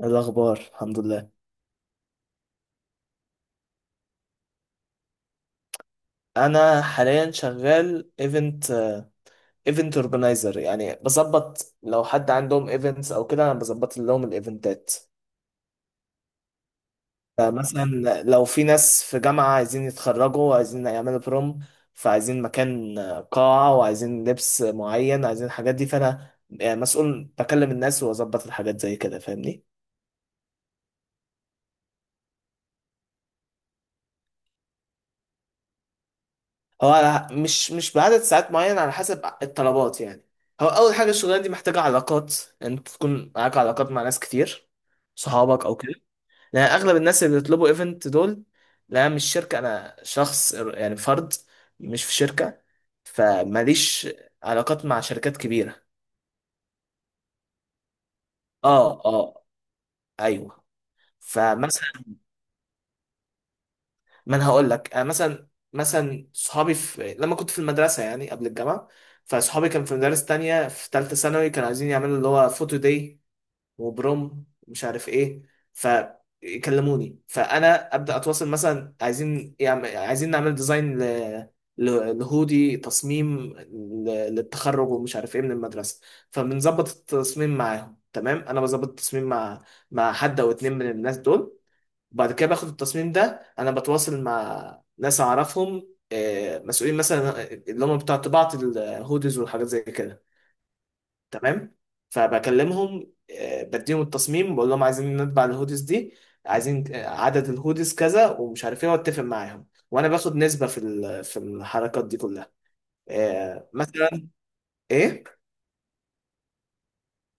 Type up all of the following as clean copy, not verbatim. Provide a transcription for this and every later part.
إيه الأخبار. الحمد لله. أنا حاليا شغال ايفنت اورجنايزر، يعني بظبط لو حد عندهم ايفنتس أو كده أنا بظبط لهم الايفنتات. فمثلا، لو في ناس في جامعة عايزين يتخرجوا وعايزين يعملوا بروم، فعايزين مكان، قاعة، وعايزين لبس معين، عايزين الحاجات دي، فأنا يعني مسؤول بكلم الناس وأظبط الحاجات زي كده. فاهمني؟ هو مش بعدد ساعات معين، على حسب الطلبات يعني. هو اول حاجه الشغلانه دي محتاجه علاقات، يعني انت تكون معاك علاقات مع ناس كتير، صحابك او كده، لان اغلب الناس اللي بيطلبوا ايفنت دول. لا، أنا مش شركه، انا شخص يعني فرد، مش في شركه، فماليش علاقات مع شركات كبيره. اه، اه، ايوه. فمثلا، ما انا هقول لك، انا مثلا صحابي في لما كنت في المدرسه يعني قبل الجامعه، فصحابي كانوا في مدارس تانية، في ثالثه ثانوي، كانوا عايزين يعملوا اللي هو فوتو داي وبروم مش عارف ايه. فيكلموني، فانا ابدا اتواصل، مثلا عايزين، يعني عايزين نعمل ديزاين لهودي، تصميم للتخرج ومش عارف ايه من المدرسه. فبنظبط التصميم معاهم، تمام. انا بظبط التصميم مع حد او اتنين من الناس دول. وبعد كده باخد التصميم ده، انا بتواصل مع ناس اعرفهم مسؤولين مثلا، اللي هم بتوع طباعة الهودز والحاجات زي كده. تمام، فبكلمهم، بديهم التصميم، بقول لهم عايزين نطبع الهودز دي، عايزين عدد الهودز كذا ومش عارف ايه، واتفق معاهم، وانا باخد نسبة في في الحركات دي كلها. مثلا. ايه؟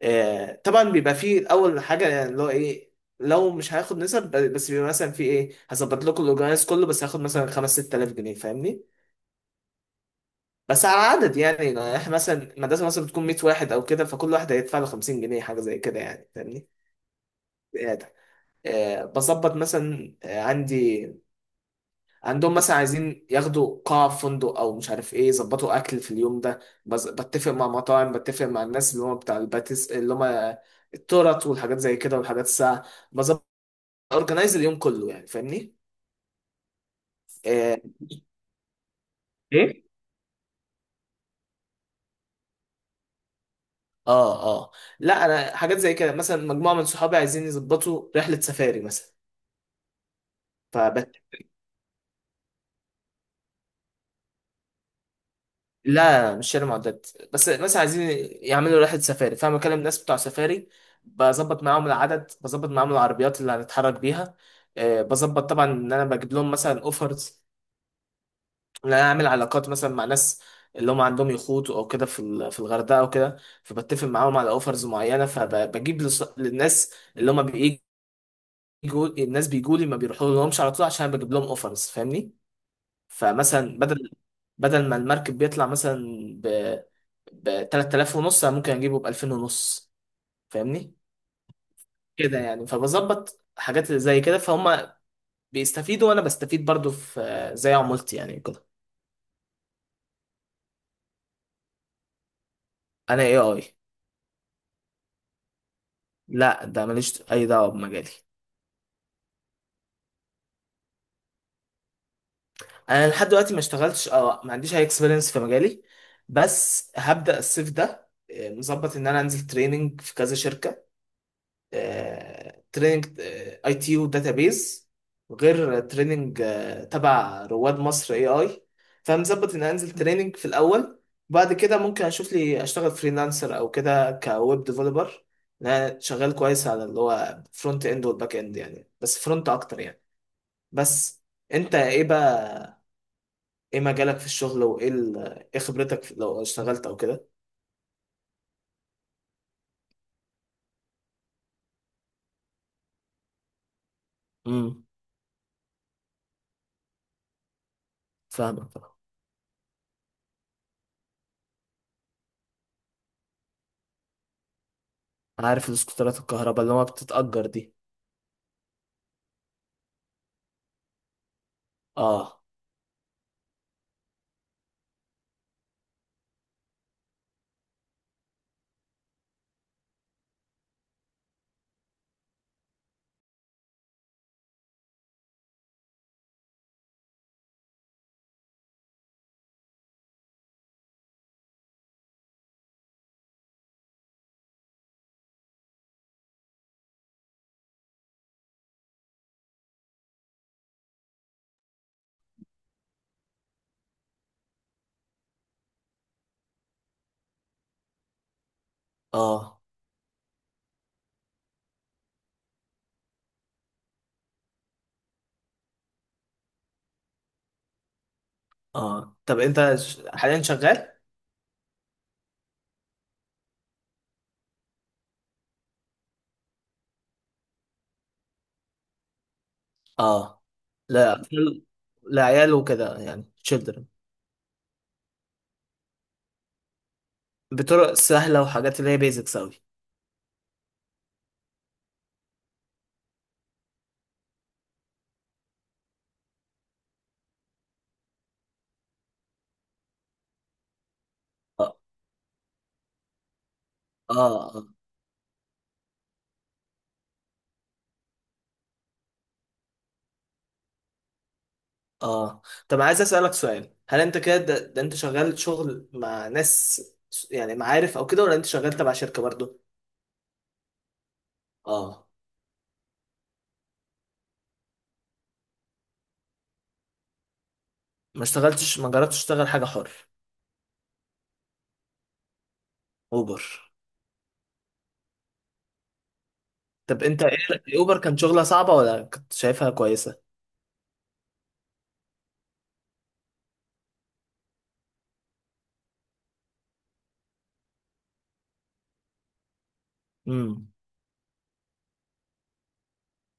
طبعا بيبقى فيه اول حاجه يعني اللي هو ايه. لو مش هياخد نسب بس، بيبقى مثلا في ايه، هظبط لكم الاورجنايز كله بس هاخد مثلا 5 6000 جنيه. فاهمني؟ بس على عدد يعني، احنا مثلا المدرسه مثلا بتكون 100 واحد او كده، فكل واحد هيدفع له 50 جنيه، حاجه زي كده يعني. فاهمني؟ زياده. بظبط مثلا، عندهم مثلا عايزين ياخدوا قاعة في فندق أو مش عارف إيه، يظبطوا أكل في اليوم ده. بتفق مع مطاعم، بتفق مع الناس اللي هم بتاع الباتيس، اللي هم التورت والحاجات زي كده والحاجات الساقعة. اورجنايز اليوم كله يعني. فاهمني؟ اه. ايه. اه. آه. لا، انا حاجات زي كده، مثلا مجموعه من صحابي عايزين يظبطوا رحله سفاري مثلا. فبت... لا، مش شاري معدات، بس مثلا عايزين يعملوا رحله سفاري، فانا بكلم ناس بتوع سفاري، بظبط معاهم العدد، بظبط معاهم العربيات اللي هنتحرك بيها. آه، بظبط طبعا ان انا بجيب لهم مثلا اوفرز، ان انا اعمل علاقات مثلا مع ناس اللي هم عندهم يخوت او كده في في الغردقه او كده. فبتفق معاهم على اوفرز معينه، فبجيب للناس اللي هم بيجوا، بيجوا الناس، بيجوا لي، ما بيروحوا لهمش على طول، عشان أنا بجيب لهم اوفرز. فاهمني؟ فمثلا بدل ما المركب بيطلع مثلا ب ب 3000 ونص، أنا ممكن اجيبه ب 2000 ونص. فاهمني؟ كده يعني، فبظبط حاجات اللي زي كده، فهم بيستفيدوا وانا بستفيد برضو، في زي عمولتي يعني كده. انا اي اي. لا، ده ماليش اي دعوه بمجالي. انا لحد دلوقتي ما اشتغلتش، اه، ما عنديش اي اكسبيرينس في مجالي. بس هبدأ الصيف ده مظبط ان انا انزل تريننج في كذا شركة: تريننج اي تي يو داتابيز، غير تريننج تبع رواد مصر اي اي. فمظبط ان انزل تريننج في الاول، بعد كده ممكن اشوف لي اشتغل فريلانسر او كده، كويب ديفلوبر. انا شغال كويس على اللي هو فرونت اند والباك اند يعني، بس فرونت اكتر يعني. بس انت ايه بقى، ايه مجالك في الشغل، وايه ايه خبرتك لو اشتغلت او كده؟ امم. فاهمك. عارف الاسكوترات الكهرباء اللي هو بتتأجر دي. اه. اه. اه، طب انت حاليا شغال؟ اه. لا. اه. لعيال وكده يعني، children. بطرق سهلة وحاجات اللي هي بيزكس أوي. اه. اه. اه. اه، طب عايز أسألك سؤال: هل أنت كده ده أنت شغال شغل مع ناس، يعني معارف أو كده، ولا أنت شغال تبع شركة برضو؟ اه. ما اشتغلتش؟ ما جربتش تشتغل حاجة حر؟ أوبر. طب أنت إيه أوبر، كان شغلها صعبة ولا كنت شايفها كويسة؟ امم.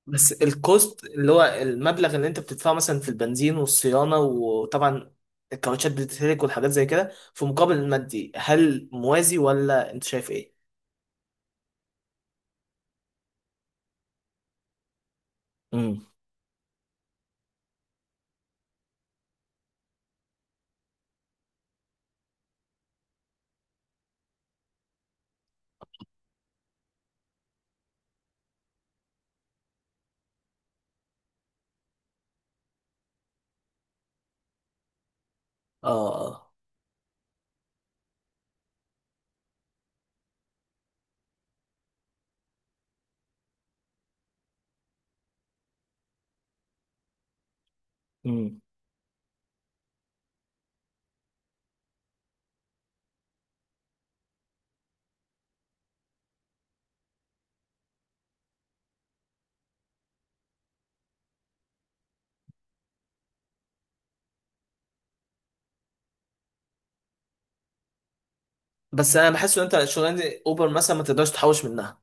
بس الكوست، اللي هو المبلغ اللي انت بتدفعه مثلا في البنزين والصيانة، وطبعا الكاوتشات بتتهلك والحاجات زي كده، في مقابل المادي، هل موازي ولا انت شايف ايه؟ امم. اه. اه. امم، بس انا بحس ان انت الشغلانة دي اوبر مثلا ما تقدرش تحوش منها.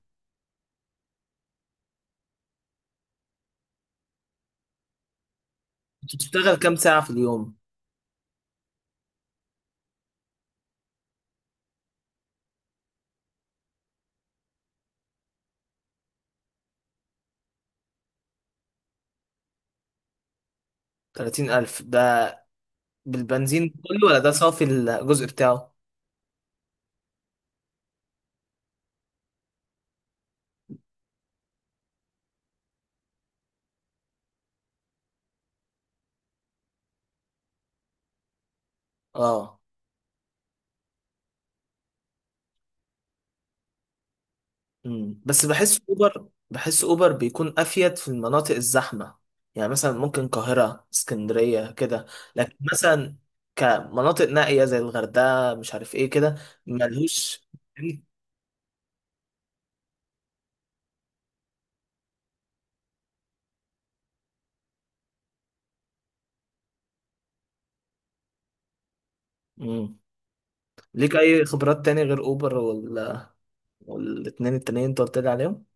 انت بتشتغل كام ساعة في اليوم؟ 30000 ده بالبنزين كله، ولا ده صافي الجزء بتاعه؟ اه. مم. بس بحس اوبر بيكون افيد في المناطق الزحمه، يعني مثلا ممكن القاهره، اسكندريه كده. لكن مثلا كمناطق نائيه زي الغردقه مش عارف ايه كده، ملهوش. مم. ليك اي خبرات تاني غير اوبر، ولا والاتنين التانيين انت قلت لي عليهم؟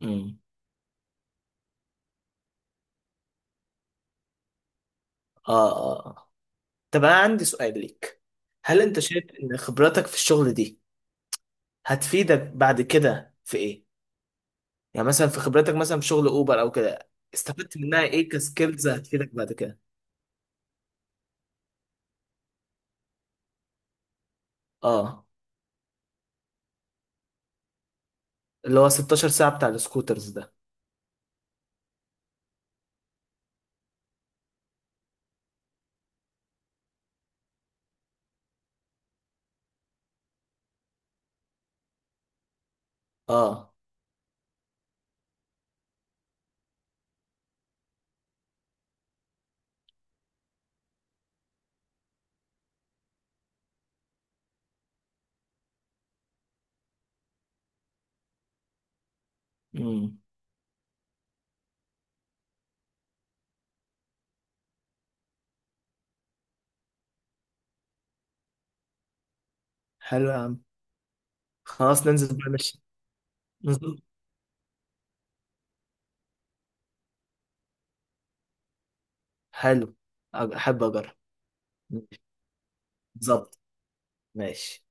مم. اه. اه. آه. طب انا عندي سؤال ليك: هل انت شايف ان خبراتك في الشغل دي هتفيدك بعد كده في ايه؟ يعني مثلا في خبرتك مثلا في شغل اوبر او كده، استفدت منها ايه كسكيلز هتفيدك بعد كده؟ اه، اللي هو 16 ساعة بتاع السكوترز ده. اه. امم. حلو يا عم. خلاص، ننزل بقى، ماشي. ننزل. حلو. احب اجرب. بالظبط. ماشي.